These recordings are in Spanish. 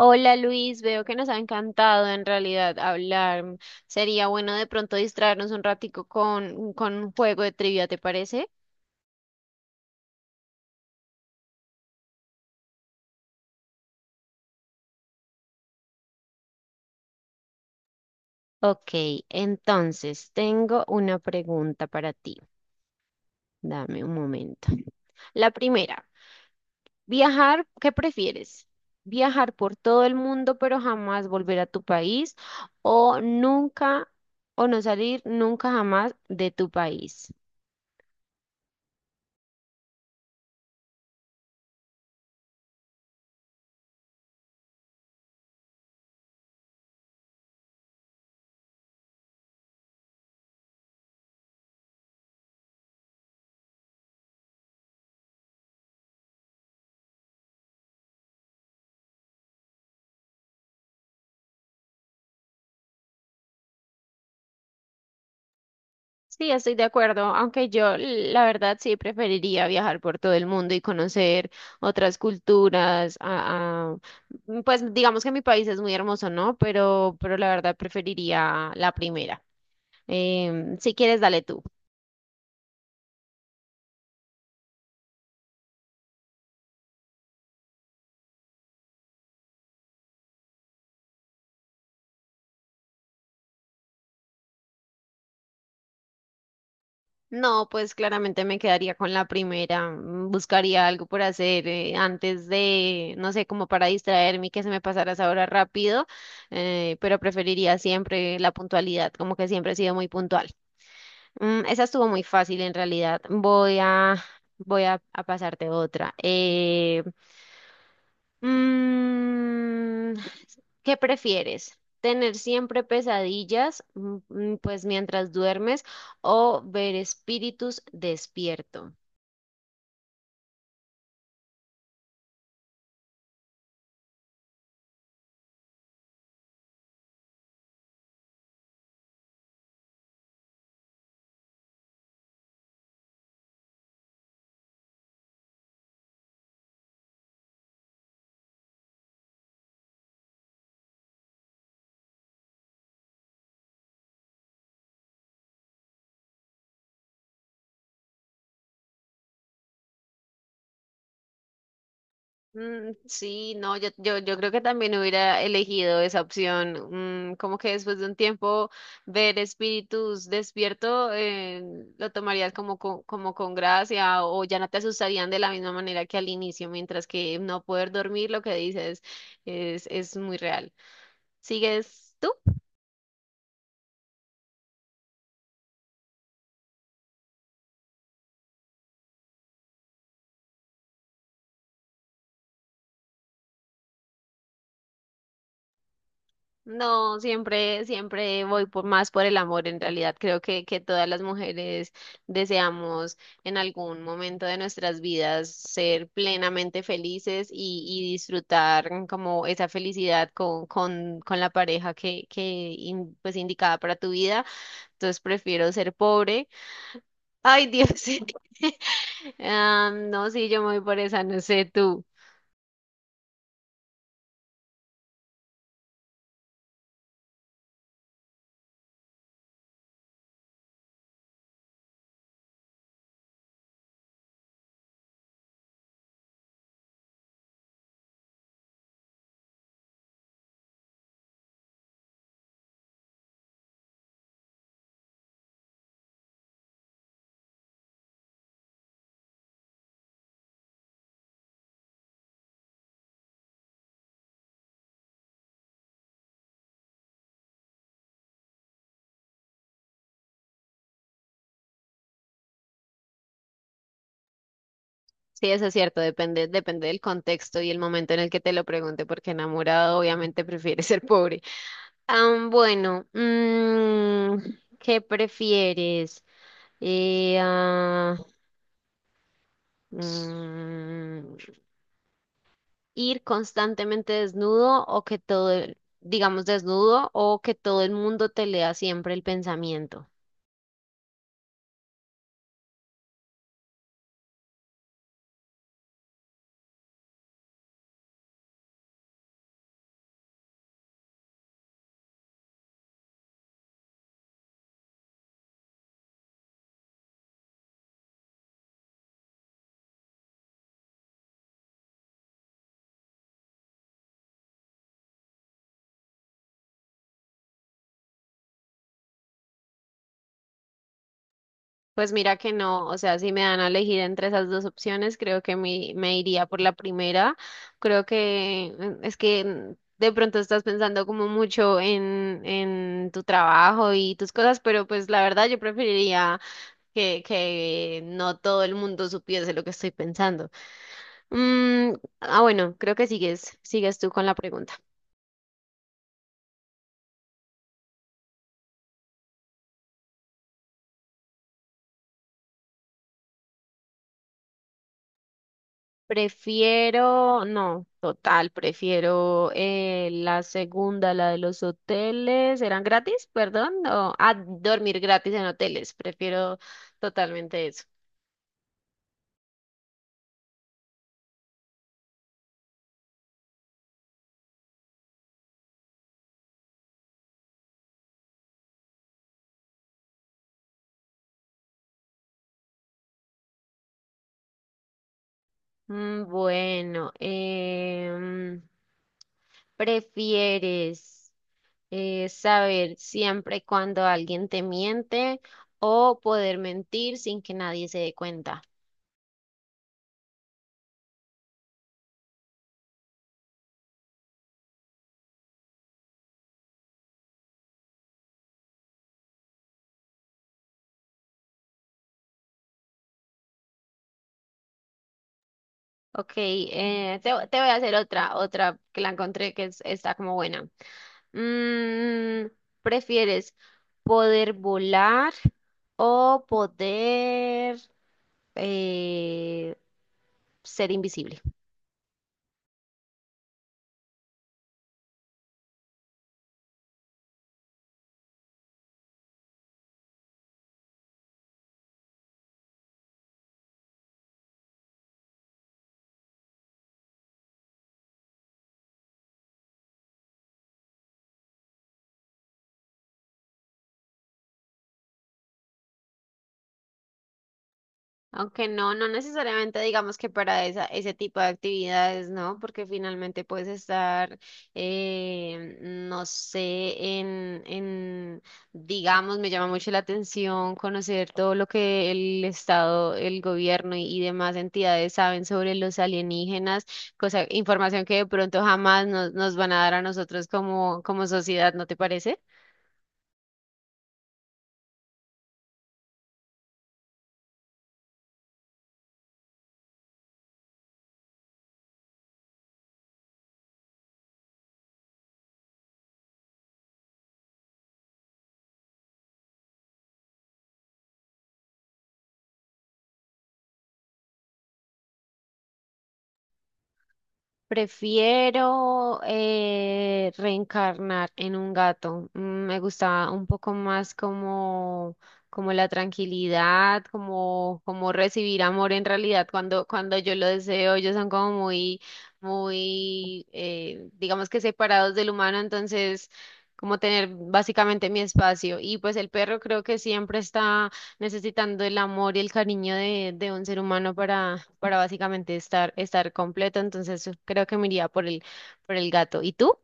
Hola Luis, veo que nos ha encantado en realidad hablar. Sería bueno de pronto distraernos un ratico con un juego de trivia, ¿te parece? Ok, entonces tengo una pregunta para ti. Dame un momento. La primera, viajar, ¿qué prefieres? ¿Viajar por todo el mundo pero jamás volver a tu país o nunca, o no salir nunca jamás de tu país? Sí, estoy de acuerdo, aunque yo la verdad sí preferiría viajar por todo el mundo y conocer otras culturas. Pues digamos que mi país es muy hermoso, ¿no? Pero la verdad preferiría la primera. Si quieres, dale tú. No, pues claramente me quedaría con la primera. Buscaría algo por hacer antes de, no sé, como para distraerme y que se me pasara esa hora rápido, pero preferiría siempre la puntualidad, como que siempre he sido muy puntual. Mm, esa estuvo muy fácil en realidad. Voy a pasarte otra. Mm, ¿Qué prefieres? ¿Tener siempre pesadillas, pues mientras duermes, o ver espíritus despierto? Mm, sí, no, yo creo que también hubiera elegido esa opción. Como que después de un tiempo ver espíritus despierto, lo tomarías como con gracia o ya no te asustarían de la misma manera que al inicio, mientras que no poder dormir, lo que dices es muy real. ¿Sigues tú? No, siempre voy por más por el amor. En realidad, creo que todas las mujeres deseamos en algún momento de nuestras vidas ser plenamente felices y disfrutar como esa felicidad con la pareja que pues indicada para tu vida. Entonces prefiero ser pobre. Ay, Dios. Ah, no, sí, yo me voy por esa, no sé tú. Sí, eso es cierto, depende del contexto y el momento en el que te lo pregunte, porque enamorado obviamente prefiere ser pobre. Ah, bueno, ¿qué prefieres? Eh, ah, mm, ¿Ir constantemente desnudo o que todo, digamos desnudo, o que todo el mundo te lea siempre el pensamiento? Pues mira que no, o sea, si me dan a elegir entre esas dos opciones, creo que me iría por la primera. Creo que es que de pronto estás pensando como mucho en tu trabajo y tus cosas, pero pues la verdad yo preferiría que no todo el mundo supiese lo que estoy pensando. Mm, bueno, creo que sigues tú con la pregunta. Prefiero, no, total, prefiero la segunda, la de los hoteles. ¿Eran gratis? Perdón. Dormir gratis en hoteles. Prefiero totalmente eso. Bueno, ¿prefieres saber siempre cuando alguien te miente o poder mentir sin que nadie se dé cuenta? Ok, te voy a hacer otra, otra que la encontré está como buena. Mm, ¿Prefieres poder volar o poder eh, ser invisible? Aunque no, no necesariamente digamos que para esa, ese tipo de actividades, ¿no? Porque finalmente puedes estar, no sé, digamos, me llama mucho la atención conocer todo lo que el Estado, el gobierno y demás entidades saben sobre los alienígenas, cosa, información que de pronto jamás nos van a dar a nosotros como, como sociedad, ¿no te parece? Prefiero reencarnar en un gato. Mm, me gusta un poco más como, como la tranquilidad, como, como recibir amor en realidad cuando yo lo deseo. Ellos son como digamos que separados del humano, entonces como tener básicamente mi espacio. Y pues el perro creo que siempre está necesitando el amor y el cariño de un ser humano para básicamente estar, estar completo. Entonces creo que me iría por por el gato. ¿Y tú?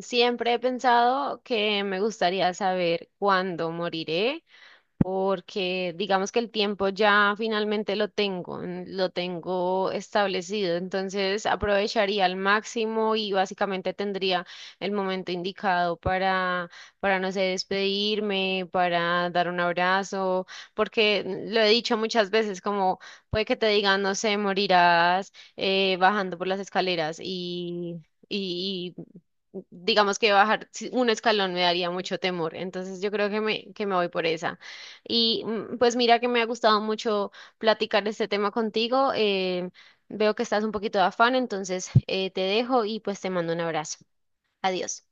Siempre he pensado que me gustaría saber cuándo moriré porque digamos que el tiempo ya finalmente lo lo tengo establecido, entonces aprovecharía al máximo y básicamente tendría el momento indicado para, no sé, despedirme, para dar un abrazo, porque lo he dicho muchas veces, como puede que te digan, no sé, morirás bajando por las escaleras y y digamos que bajar si- un escalón me daría mucho temor, entonces yo creo que que me voy por esa. Y pues mira que me ha gustado mucho platicar este tema contigo. Veo que estás un poquito de afán, entonces te dejo y pues te mando un abrazo. Adiós.